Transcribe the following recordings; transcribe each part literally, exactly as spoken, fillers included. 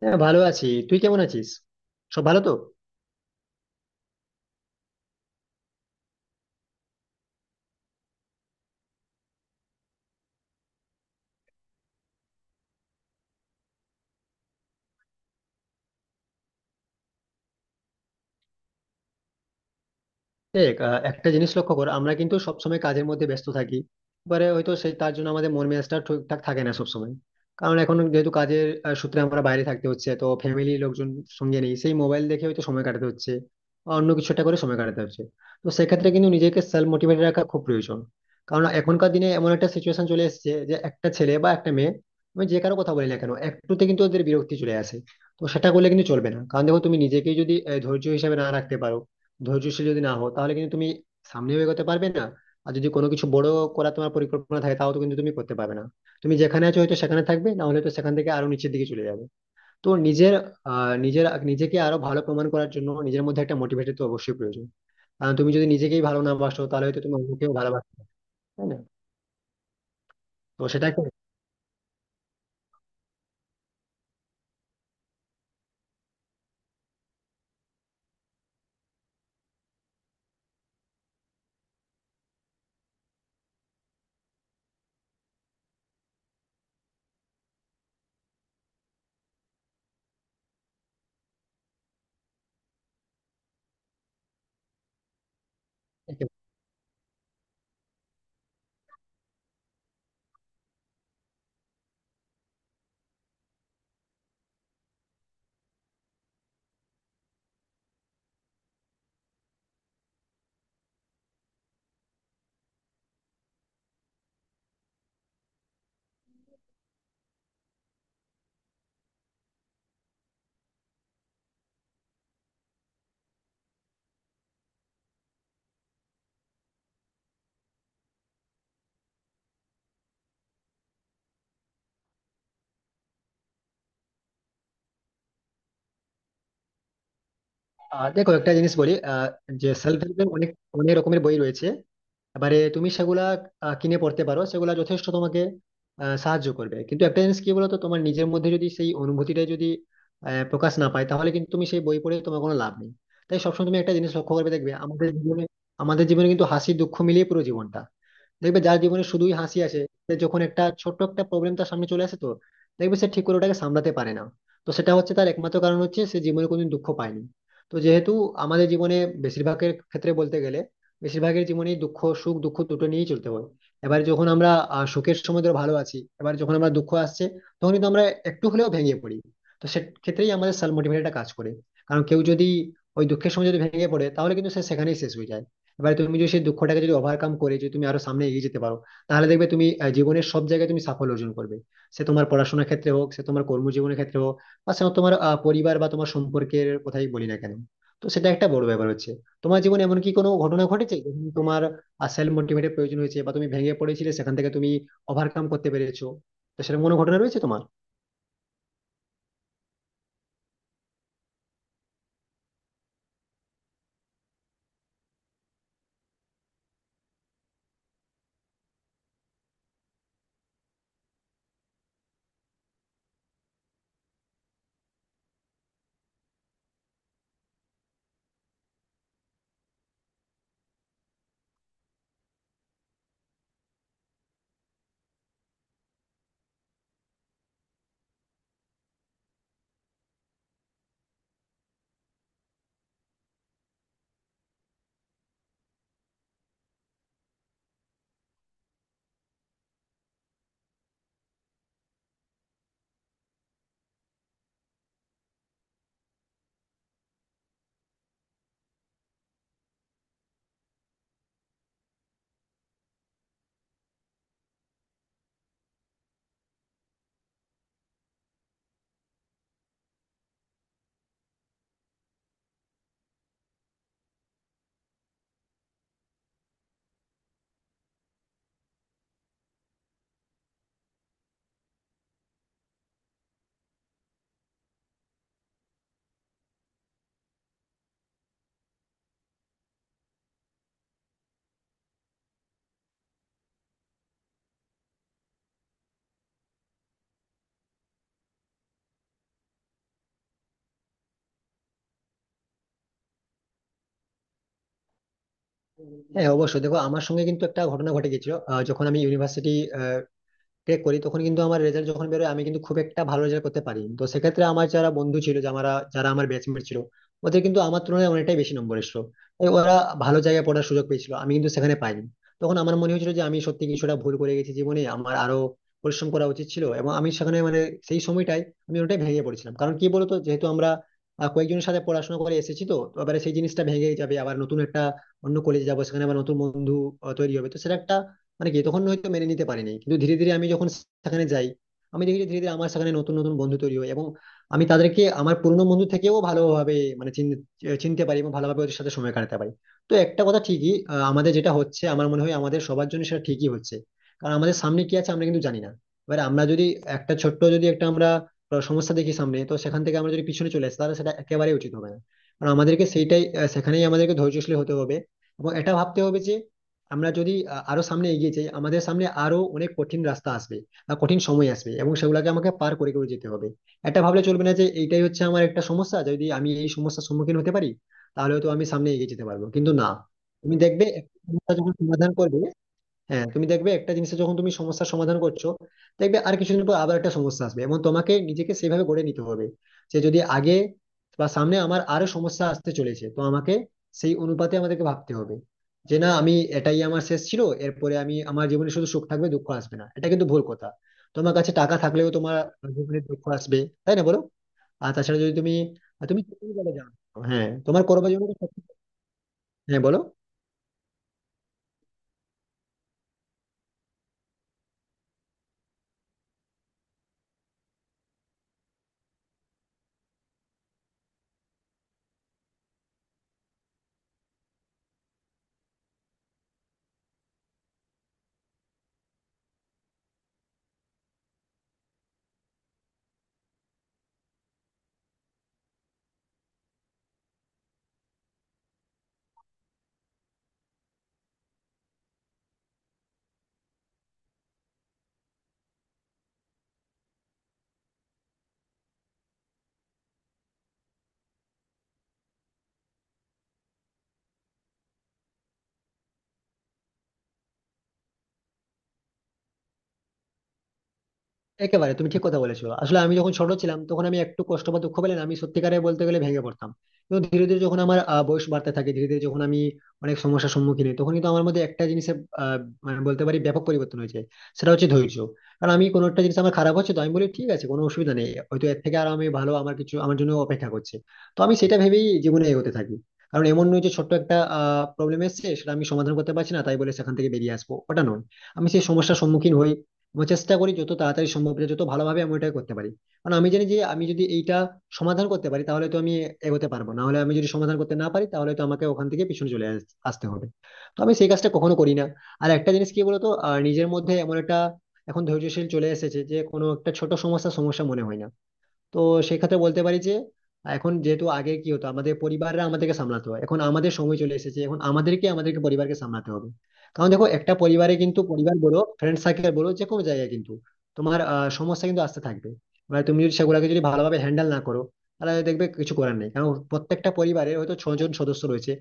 হ্যাঁ ভালো আছি, তুই কেমন আছিস? সব ভালো তো? দেখ, আহ, একটা জিনিস লক্ষ্য কর। আমরা কিন্তু সবসময় কাজের মধ্যে ব্যস্ত থাকি। এবারে হয়তো সেই তার জন্য আমাদের মন মেজাজটা ঠিকঠাক থাকে না সবসময়। কারণ এখন যেহেতু কাজের আহ, সূত্রে আমরা বাইরে থাকতে হচ্ছে, তো ফ্যামিলি লোকজন সঙ্গে নেই, সেই মোবাইল দেখে হয়তো সময় কাটাতে হচ্ছে বা অন্য কিছু একটা করে সময় কাটাতে হচ্ছে। তো সেক্ষেত্রে কিন্তু নিজেকে সেলফ মোটিভেটেড রাখা খুব প্রয়োজন। কারণ এখনকার দিনে এমন একটা সিচুয়েশন চলে এসেছে যে একটা ছেলে বা একটা মেয়ে, আমি যে কারো কথা বলি না কেন, একটুতে কিন্তু ওদের বিরক্তি চলে আসে। তো সেটা করলে কিন্তু চলবে না। কারণ দেখো, তুমি নিজেকেই যদি আহ, ধৈর্য হিসাবে না রাখতে পারো, ধৈর্যশীল যদি না হো তাহলে কিন্তু তুমি সামনেও এগোতে পারবে না। আর যদি কোনো কিছু বড় করা তোমার পরিকল্পনা থাকে, তাও তো কিন্তু তুমি করতে পারবে না। তুমি যেখানে আছো হয়তো সেখানে থাকবে, না হলে তো সেখান থেকে আরো নিচের দিকে চলে যাবে। তো নিজের আহ নিজের নিজেকে আরো ভালো প্রমাণ করার জন্য নিজের মধ্যে একটা মোটিভেটেড তো অবশ্যই প্রয়োজন। কারণ তুমি যদি নিজেকেই ভালো না বাসো, তাহলে হয়তো তুমি অন্যকেও ভালোবাসবে না, তাই না? তো সেটা একটা- আর দেখো, একটা জিনিস বলি, আহ যে সেলফ হেল্পের অনেক অনেক রকমের বই রয়েছে। এবারে তুমি সেগুলা আহ, কিনে পড়তে পারো, সেগুলা যথেষ্ট তোমাকে আহ, সাহায্য করবে। কিন্তু একটা জিনিস কি বলতো, তোমার নিজের মধ্যে যদি সেই অনুভূতিটা যদি আহ, প্রকাশ না পায়, তাহলে কিন্তু তুমি সেই বই পড়ে তোমার কোনো লাভ নেই। তাই সবসময় তুমি একটা জিনিস লক্ষ্য করবে, দেখবে আমাদের জীবনে, আমাদের জীবনে কিন্তু হাসি দুঃখ মিলিয়ে পুরো জীবনটা। দেখবে যার জীবনে শুধুই হাসি আসে, সে যখন একটা ছোট্ট একটা প্রবলেম তার সামনে চলে আসে, তো দেখবে সে ঠিক করে ওটাকে সামলাতে পারে না। তো সেটা হচ্ছে তার একমাত্র কারণ হচ্ছে সে জীবনে কোনোদিন দুঃখ পায়নি। তো যেহেতু আমাদের জীবনে বেশিরভাগের ক্ষেত্রে বলতে গেলে, বেশিরভাগের জীবনেই দুঃখ সুখ দুঃখ দুটো নিয়েই চলতে হয়। এবার যখন আমরা আহ, সুখের সময় ধরো ভালো আছি, এবার যখন আমরা দুঃখ আসছে, তখন কিন্তু আমরা একটু হলেও ভেঙে পড়ি। তো সে ক্ষেত্রেই আমাদের সেলফ মোটিভেটরটা কাজ করে। কারণ কেউ যদি ওই দুঃখের সময় যদি ভেঙে পড়ে, তাহলে কিন্তু সে সেখানেই শেষ হয়ে যায়। এবারে তুমি যদি সেই দুঃখটাকে যদি ওভারকাম করে যদি তুমি আরো সামনে এগিয়ে যেতে পারো, তাহলে দেখবে তুমি আহ, জীবনের সব জায়গায় তুমি সাফল্য অর্জন করবে। সে তোমার পড়াশোনার ক্ষেত্রে হোক, সে তোমার কর্মজীবনের ক্ষেত্রে হোক, বা সে তোমার আহ, পরিবার বা তোমার সম্পর্কের কথাই বলি না কেন। তো সেটা একটা বড় ব্যাপার হচ্ছে। তোমার জীবনে এমন কি কোনো ঘটনা ঘটেছে যখন তোমার সেলফ মোটিভেটের প্রয়োজন হয়েছে বা তুমি ভেঙে পড়েছিলে, সেখান থেকে তুমি ওভারকাম করতে পেরেছো? তো সেরকম কোনো ঘটনা রয়েছে তোমার? হ্যাঁ অবশ্যই, দেখো আমার সঙ্গে কিন্তু একটা ঘটনা ঘটে গেছিল, আহ, যখন আমি ইউনিভার্সিটি ক্র্যাক করি, তখন কিন্তু আমার রেজাল্ট যখন বেরোয়, আমি কিন্তু খুব একটা ভালো রেজাল্ট করতে পারি। তো সেক্ষেত্রে আমার যারা বন্ধু ছিল, যারা যারা আমার ব্যাচমেট ছিল, ওদের কিন্তু আমার তুলনায় অনেকটাই বেশি নম্বর এসেছিল। তাই ওরা ভালো জায়গায় পড়ার সুযোগ পেয়েছিল, আমি কিন্তু সেখানে পাইনি। তখন আমার মনে হয়েছিল যে আমি সত্যি কিছুটা ভুল করে গেছি, জীবনে আমার আরো পরিশ্রম করা উচিত ছিল। এবং আমি সেখানে মানে, সেই সময়টাই আমি ওটাই ভেঙে পড়েছিলাম। কারণ কি বলতো, যেহেতু আমরা আহ, কয়েকজনের সাথে পড়াশোনা করে এসেছি, তো তো এবারে সেই জিনিসটা ভেঙে যাবে, আবার নতুন একটা অন্য কলেজে যাবো, সেখানে আবার নতুন বন্ধু আহ, তৈরি হবে। তো সেটা একটা মানে কি তখন হয়তো মেনে নিতে পারিনি, কিন্তু ধীরে ধীরে আমি যখন সেখানে যাই, আমি দেখি যে ধীরে ধীরে আমার সেখানে নতুন নতুন বন্ধু তৈরি হয় এবং আমি তাদেরকে আমার পুরনো বন্ধু থেকেও ভালোভাবে মানে চিন- চিনতে পারি এবং ভালোভাবে ওদের সাথে সময় কাটাতে পারি। তো একটা কথা ঠিকই, আহ, আমাদের যেটা হচ্ছে, আমার মনে হয় আমাদের সবার জন্য সেটা ঠিকই হচ্ছে। কারণ আমাদের সামনে কি আছে আমরা কিন্তু জানি না। এবার আমরা যদি একটা ছোট্ট যদি একটা আমরা আহ, সমস্যা দেখি সামনে, তো সেখান থেকে আমরা যদি পিছনে চলে আসি, তাহলে সেটা একেবারেই উচিত হবে না। কারণ আমাদেরকে সেইটাই আহ, সেখানেই আমাদেরকে ধৈর্যশীল হতে হবে এবং এটা ভাবতে হবে যে আমরা যদি আ, আরো সামনে এগিয়ে যাই, আমাদের সামনে আরো অনেক কঠিন রাস্তা আসবে বা কঠিন সময় আসবে এবং সেগুলোকে আমাকে পার করে করে যেতে হবে। এটা ভাবলে চলবে না যে এইটাই হচ্ছে আমার একটা সমস্যা, যদি আমি এই সমস্যার সম্মুখীন হতে পারি তাহলে তো আমি সামনে এগিয়ে যেতে পারবো, কিন্তু না। তুমি দেখবে একটা সমস্যা যখন সমাধান করবে, হ্যাঁ তুমি দেখবে একটা জিনিসে যখন তুমি সমস্যার সমাধান করছো, দেখবে আর কিছুদিন পর আবার একটা সমস্যা আসবে এবং তোমাকে নিজেকে সেভাবে গড়ে নিতে হবে যে যদি আগে বা সামনে আমার আরো সমস্যা আসতে চলেছে, তো আমাকে সেই অনুপাতে আমাদেরকে ভাবতে হবে যে না, আমি এটাই আমার শেষ ছিল, এরপরে আমি আমার জীবনে শুধু সুখ থাকবে দুঃখ আসবে না, এটা কিন্তু ভুল কথা। তোমার কাছে টাকা থাকলেও তোমার জীবনে দুঃখ আসবে, তাই না বলো? আর তাছাড়া যদি তুমি আর তুমি চাকরি করে যাও, হ্যাঁ তোমার করবার জন্য, হ্যাঁ বলো। একেবারে তুমি ঠিক কথা বলেছো। আসলে আমি যখন ছোট ছিলাম, তখন আমি একটু কষ্ট বা দুঃখ পেলে না, আমি সত্যিকারে বলতে গেলে ভেঙে পড়তাম। কিন্তু ধীরে ধীরে যখন আমার আহ, বয়স বাড়তে থাকে, ধীরে ধীরে যখন আমি অনেক সমস্যার সম্মুখীন হই, তখন কিন্তু আমার মধ্যে একটা জিনিসের আহ, মানে বলতে পারি ব্যাপক পরিবর্তন হয়েছে। সেটা হচ্ছে ধৈর্য। কারণ আমি কোনো একটা জিনিস আমার খারাপ হচ্ছে, তো আমি বলি ঠিক আছে কোনো অসুবিধা নেই, হয়তো এর থেকে আর আমি ভালো আমার কিছু আমার জন্য অপেক্ষা করছে। তো আমি সেটা ভেবেই জীবনে এগোতে থাকি। কারণ এমন নয় যে ছোট্ট একটা প্রবলেম এসেছে সেটা আমি সমাধান করতে পারছি না তাই বলে সেখান থেকে বেরিয়ে আসবো, ওটা নয়। আমি সেই সমস্যার সম্মুখীন হই, আমি চেষ্টা করি যত তাড়াতাড়ি সম্ভব এটা যত ভালোভাবে আমি ওটা করতে পারি। কারণ আমি জানি যে আমি যদি এইটা সমাধান করতে পারি, তাহলে তো আমি এগোতে পারবো, না হলে আমি যদি সমাধান করতে না পারি, তাহলে তো আমাকে ওখান থেকে পিছনে চলে আস- আসতে হবে। তো আমি সেই কাজটা কখনো করি না। আর একটা জিনিস কি বলতো, আহ, নিজের মধ্যে এমন একটা এখন ধৈর্যশীল চলে এসেছে যে কোনো একটা ছোট সমস্যা সমস্যা মনে হয় না। তো সেক্ষেত্রে বলতে পারি যে এখন যেহেতু, আগে কি হতো আমাদের পরিবাররা আমাদেরকে সামলাতে হয়, এখন আমাদের সময় চলে এসেছে, এখন আমাদেরকে আমাদেরকে পরিবারকে সামলাতে হবে। কারণ দেখো, একটা পরিবারে কিন্তু পরিবার বলো ফ্রেন্ড সার্কেল বলো, যে কোনো জায়গায় কিন্তু তোমার আহ, সমস্যা কিন্তু আসতে থাকবে। এবার তুমি যদি সেগুলোকে যদি ভালোভাবে হ্যান্ডেল না করো, তাহলে দেখবে কিছু করার নেই। কারণ প্রত্যেকটা পরিবারে হয়তো ছজন সদস্য রয়েছে,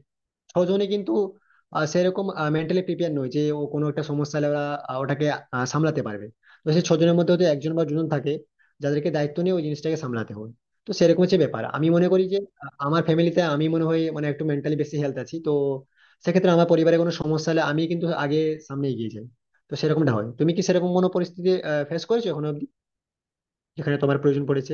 ছজনই কিন্তু আহ, সেরকম মেন্টালি প্রিপেয়ার নয় যে ও কোনো একটা সমস্যা হলে ওরা আহ, ওটাকে আহ, সামলাতে পারবে। তো সেই ছজনের মধ্যে হয়তো একজন বা দুজন থাকে যাদেরকে দায়িত্ব নিয়ে ওই জিনিসটাকে সামলাতে হয়। তো সেরকম হচ্ছে ব্যাপার, আমি মনে করি যে আহ, আমার ফ্যামিলিতে আমি মনে হয় মানে একটু মেন্টালি বেশি হেলথ আছি, তো সেক্ষেত্রে আমার পরিবারে কোনো সমস্যা হলে আমি কিন্তু আগে সামনে এগিয়ে যাই। তো সেরকমটা হয়, তুমি কি সেরকম কোনো পরিস্থিতি ফেস করেছো এখনো অব্দি যেখানে তোমার প্রয়োজন পড়েছে?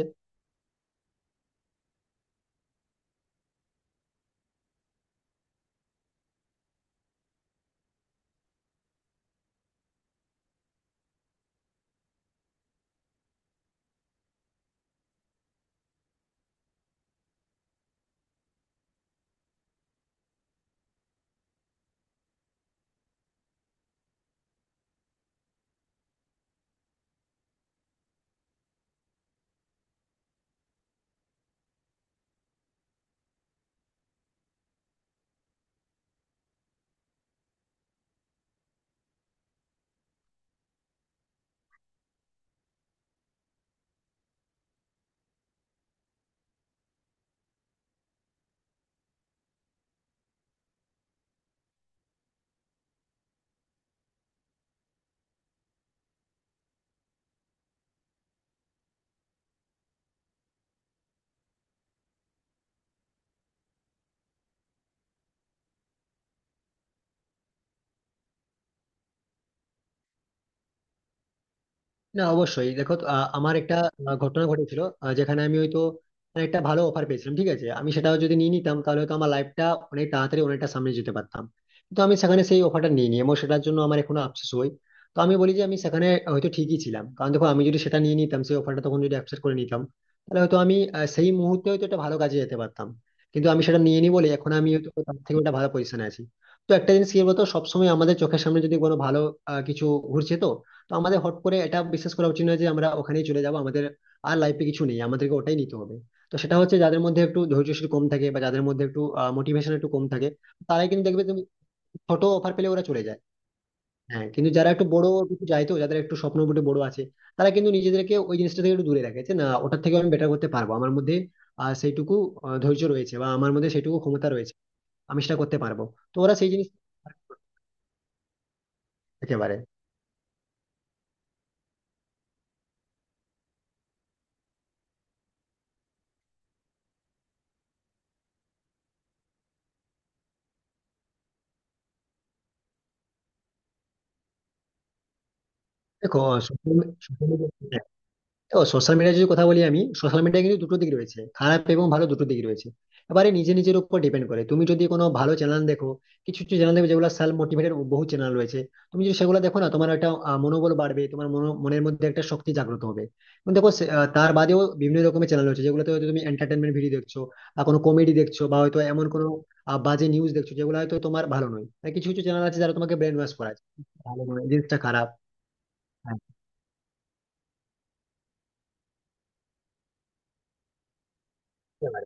না অবশ্যই, দেখো তো, আহ, আমার একটা আহ, ঘটনা ঘটেছিল, আহ, যেখানে আমি হয়তো মানে একটা ভালো অফার পেয়েছিলাম। ঠিক আছে, আমি সেটাও যদি নিয়ে নিতাম, তাহলে হয়তো আমার লাইফটা অনেক তাড়াতাড়ি অনেকটা সামনে যেতে পারতাম। কিন্তু আমি সেখানে সেই অফারটা নিয়ে নিই এবং সেটার জন্য আমার এখনো আফসোস হয়। তো আমি বলি যে আমি সেখানে হয়তো ঠিকই ছিলাম। কারণ দেখো, আমি যদি সেটা নিয়ে নিতাম, সেই অফারটা তখন যদি অ্যাকসেপ্ট করে নিতাম, তাহলে হয়তো আমি আহ, সেই মুহূর্তে হয়তো একটা ভালো কাজে যেতে পারতাম। কিন্তু আমি সেটা নিয়ে নিই বলে এখন আমি হয়তো তার থেকে একটা ভালো পজিশনে আছি। তো একটা জিনিস কি বলতো, সবসময় আমাদের চোখের সামনে যদি কোনো ভালো আহ, কিছু ঘুরছে, তো তো আমাদের হট করে এটা বিশ্বাস করা উচিত নয় যে আমরা ওখানেই চলে যাব, আমাদের আর লাইফে কিছু নেই আমাদেরকে ওটাই নিতে হবে। তো সেটা হচ্ছে, যাদের মধ্যে একটু ধৈর্যশীল কম থাকে বা যাদের মধ্যে একটু মোটিভেশন একটু কম থাকে, তারাই কিন্তু দেখবে তুমি ছোট অফার পেলে ওরা চলে যায়। হ্যাঁ, কিন্তু যারা একটু বড় কিছু যায়, তো যাদের একটু স্বপ্ন মোটে বড় আছে, তারা কিন্তু নিজেদেরকে ওই জিনিসটা থেকে একটু দূরে রাখে যে না, ওটার থেকে আমি বেটার করতে পারবো, আমার মধ্যে আহ সেইটুকু আহ, ধৈর্য রয়েছে বা আমার মধ্যে সেইটুকু ক্ষমতা রয়েছে, আমি সেটা করতে পারবো। তো ওরা সেই জিনিস একেবারে। দেখো, আহ, social media- ও সোশ্যাল মিডিয়া যদি কথা বলি, আমি সোশ্যাল মিডিয়া কিন্তু দুটো দিক রয়েছে, খারাপ এবং ভালো দুটো দিক রয়েছে। এবারে নিজে নিজের উপর ডিপেন্ড করে, তুমি যদি কোনো ভালো চ্যানেল দেখো, কিছু কিছু চ্যানেল দেখবে যেগুলো সেলফ মোটিভেটেড বহু চ্যানেল রয়েছে। তুমি যদি সেগুলো দেখো না, তোমার একটা আহ, মনোবল বাড়বে, তোমার মনো- মনের মধ্যে একটা শক্তি জাগ্রত হবে। কিন্তু দেখো সে- আহ, তার বাদেও বিভিন্ন রকমের চ্যানেল রয়েছে যেগুলোতে হয়তো তুমি এন্টারটেনমেন্ট ভিডিও দেখছো বা কোনো কমেডি দেখছো বা হয়তো এমন কোনো আহ, বাজে নিউজ দেখছো যেগুলো হয়তো তোমার ভালো নয়। আর কিছু কিছু চ্যানেল আছে যারা তোমাকে ব্রেন ওয়াশ করাচ্ছে, ভালো নয় জিনিসটা, খারাপ। হ্যাঁ, হতে পারে।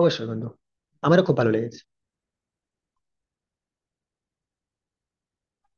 অবশ্যই বন্ধু, আমারও খুব ভালো লেগেছে।